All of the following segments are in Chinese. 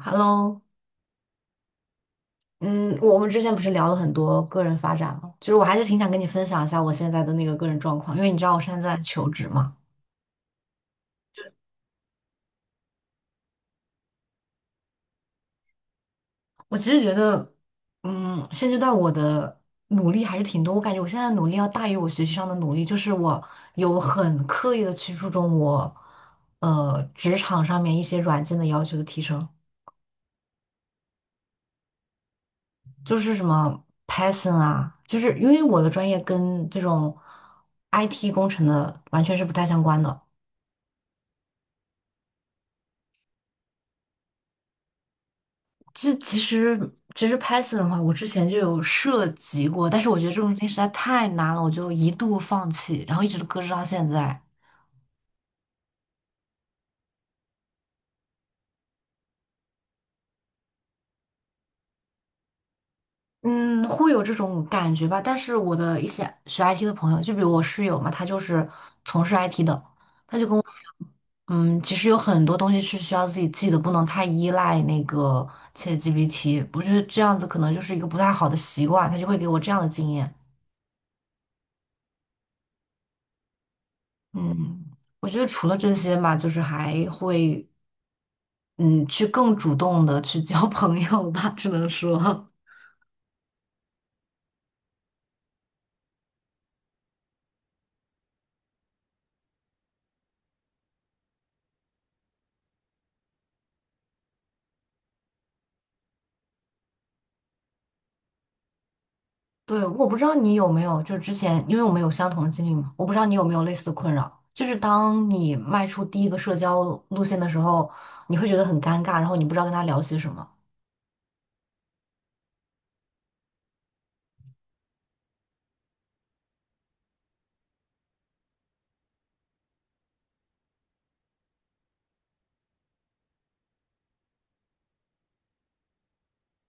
Hello，嗯，我们之前不是聊了很多个人发展吗？就是我还是挺想跟你分享一下我现在的那个个人状况，因为你知道我现在在求职嘛。我其实觉得，嗯，现阶段我的努力还是挺多，我感觉我现在的努力要大于我学习上的努力，就是我有很刻意的去注重我，职场上面一些软件的要求的提升，就是什么 Python 啊，就是因为我的专业跟这种 IT 工程的完全是不太相关的。这其实其实 Python 的话，我之前就有涉及过，但是我觉得这种东西实在太难了，我就一度放弃，然后一直搁置到现在。嗯，会有这种感觉吧。但是我的一些学 IT 的朋友，就比如我室友嘛，他就是从事 IT 的。嗯，其实有很多东西是需要自己记的，不能太依赖那个 ChatGPT。不是这样子可能就是一个不太好的习惯，他就会给我这样的经验。嗯，我觉得除了这些吧，就是还会，嗯，去更主动的去交 朋友吧，只能说，对，我不知道你有没有，就是之前，因为我们有相同的经历嘛，我不知道你有没有类似的困扰，就是当你迈出第一个社交路线的时候，你会觉得很尴尬，然后你不知道跟他聊些什么。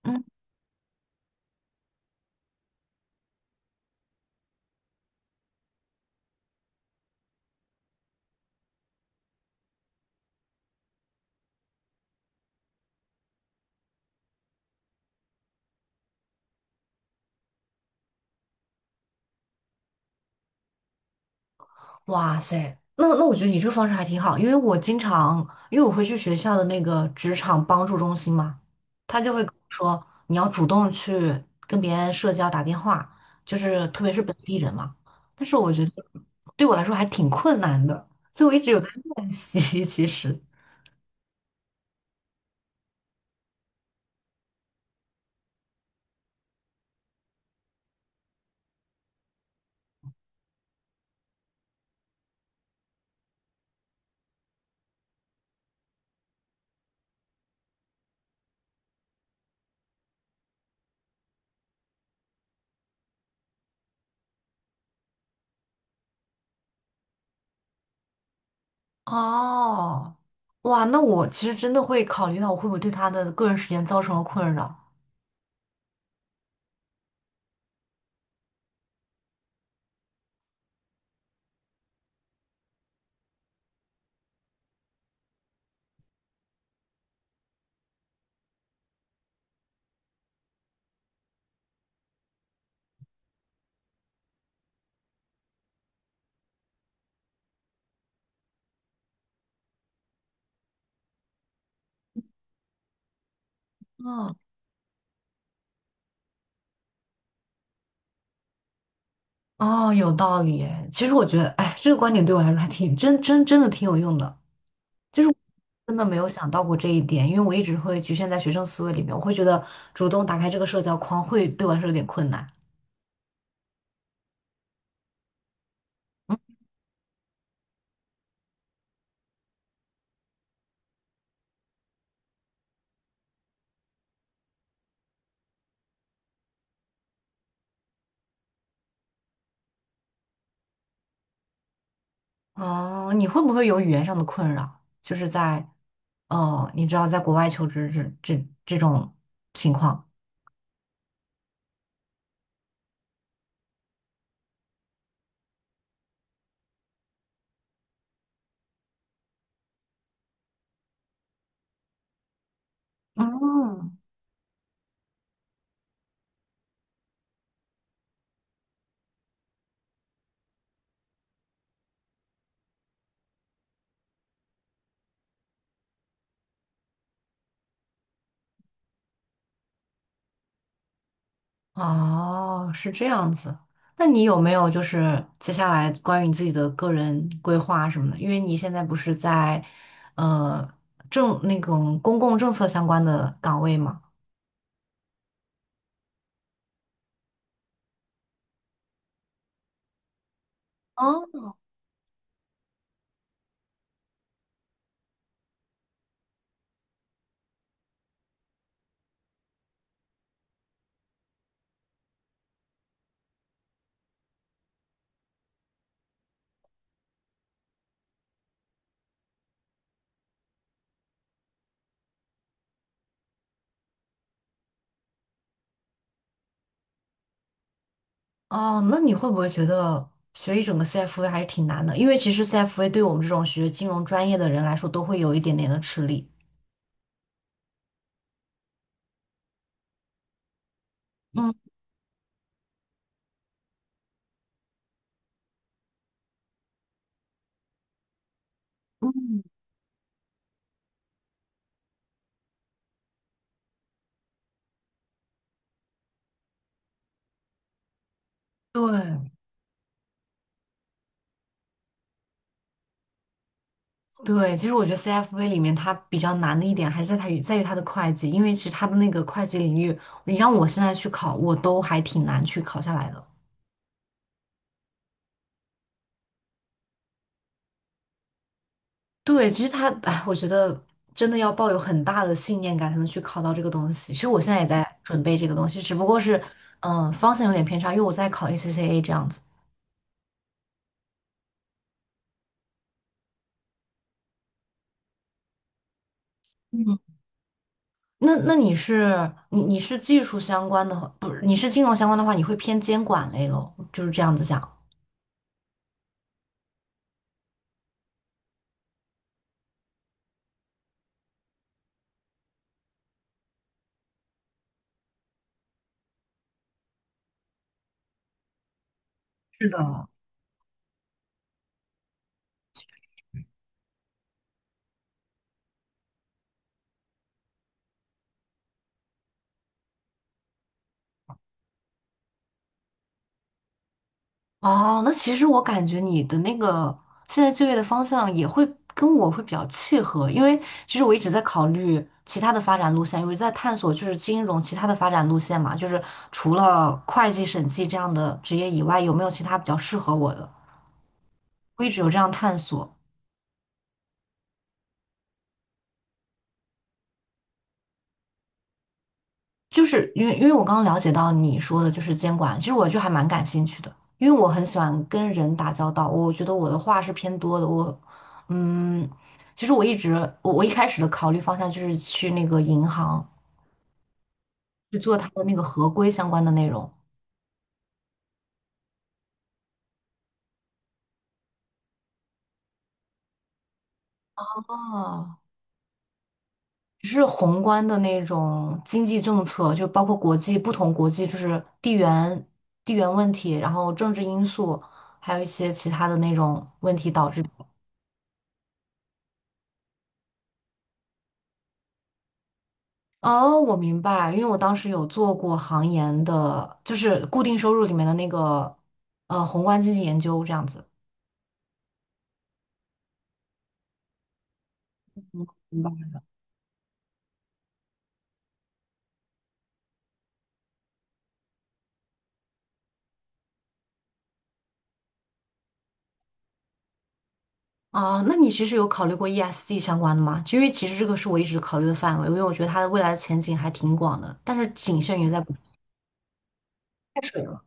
嗯。哇塞，那我觉得你这个方式还挺好，因为我经常，因为我会去学校的那个职场帮助中心嘛，他就会跟我说你要主动去跟别人社交打电话，就是特别是本地人嘛。但是我觉得对我来说还挺困难的，所以我一直有在练习。其实，哦，哇，那我其实真的会考虑到我会不会对他的个人时间造成了困扰。嗯，哦，有道理诶其实我觉得，哎，这个观点对我来说还挺真的挺有用的。就是我真的没有想到过这一点，因为我一直会局限在学生思维里面，我会觉得主动打开这个社交框会对我来说有点困难。哦，你会不会有语言上的困扰？就是在，哦，你知道，在国外求职这种情况。嗯哦，是这样子。那你有没有就是接下来关于你自己的个人规划什么的？因为你现在不是在呃政那种公共政策相关的岗位吗？哦哦，那你会不会觉得学一整个 CFA 还是挺难的？因为其实 CFA 对我们这种学金融专业的人来说，都会有一点点的吃力。嗯，嗯对。对，其实我觉得 CFA 里面它比较难的一点还是在在于它的会计，因为其实它的那个会计领域，你让我现在去考，我都还挺难去考下来的。对，其实它，哎，我觉得真的要抱有很大的信念感才能去考到这个东西。其实我现在也在准备这个东西，只不过是，嗯、方向有点偏差，因为我在考 ACCA 这样子。嗯。那你你是技术相关的话，不是你是金融相关的话，你会偏监管类咯，就是这样子讲。是的，哦，那其实我感觉你的那个现在就业的方向也会跟我会比较契合，因为其实我一直在考虑其他的发展路线，我一直在探索就是金融其他的发展路线嘛，就是除了会计、审计这样的职业以外，有没有其他比较适合我的？我一直有这样探索。就是因为我刚刚了解到你说的就是监管，其实我就还蛮感兴趣的，因为我很喜欢跟人打交道，我觉得我的话是偏多的，我嗯，其实我一开始的考虑方向就是去那个银行去做它的那个合规相关的内容。哦，就是宏观的那种经济政策，就包括国际不同国际，就是地缘问题，然后政治因素，还有一些其他的那种问题导致。哦，我明白，因为我当时有做过行研的，就是固定收入里面的那个宏观经济研究这样子。啊，那你其实有考虑过 ESG 相关的吗？因为其实这个是我一直考虑的范围，因为我觉得它的未来的前景还挺广的，但是仅限于在股太水了。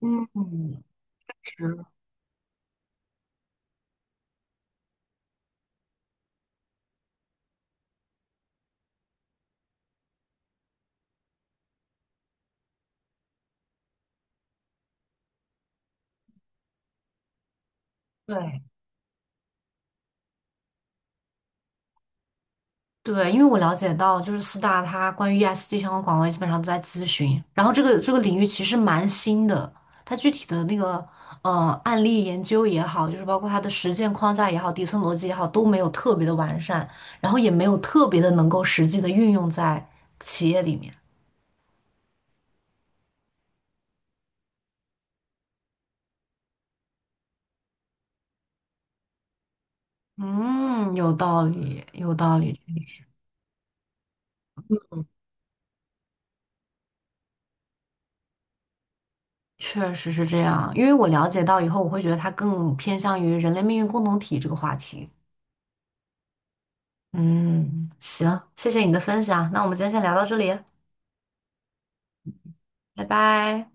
嗯，是，对。对，因为我了解到，就是四大它关于 ESG 相关岗位基本上都在咨询，然后这个领域其实蛮新的，它具体的那个案例研究也好，就是包括它的实践框架也好、底层逻辑也好，都没有特别的完善，然后也没有特别的能够实际的运用在企业里面。嗯，有道理，有道理，确实是这样。因为我了解到以后，我会觉得它更偏向于人类命运共同体这个话题。嗯，行，谢谢你的分享，那我们今天先聊到这里，拜拜。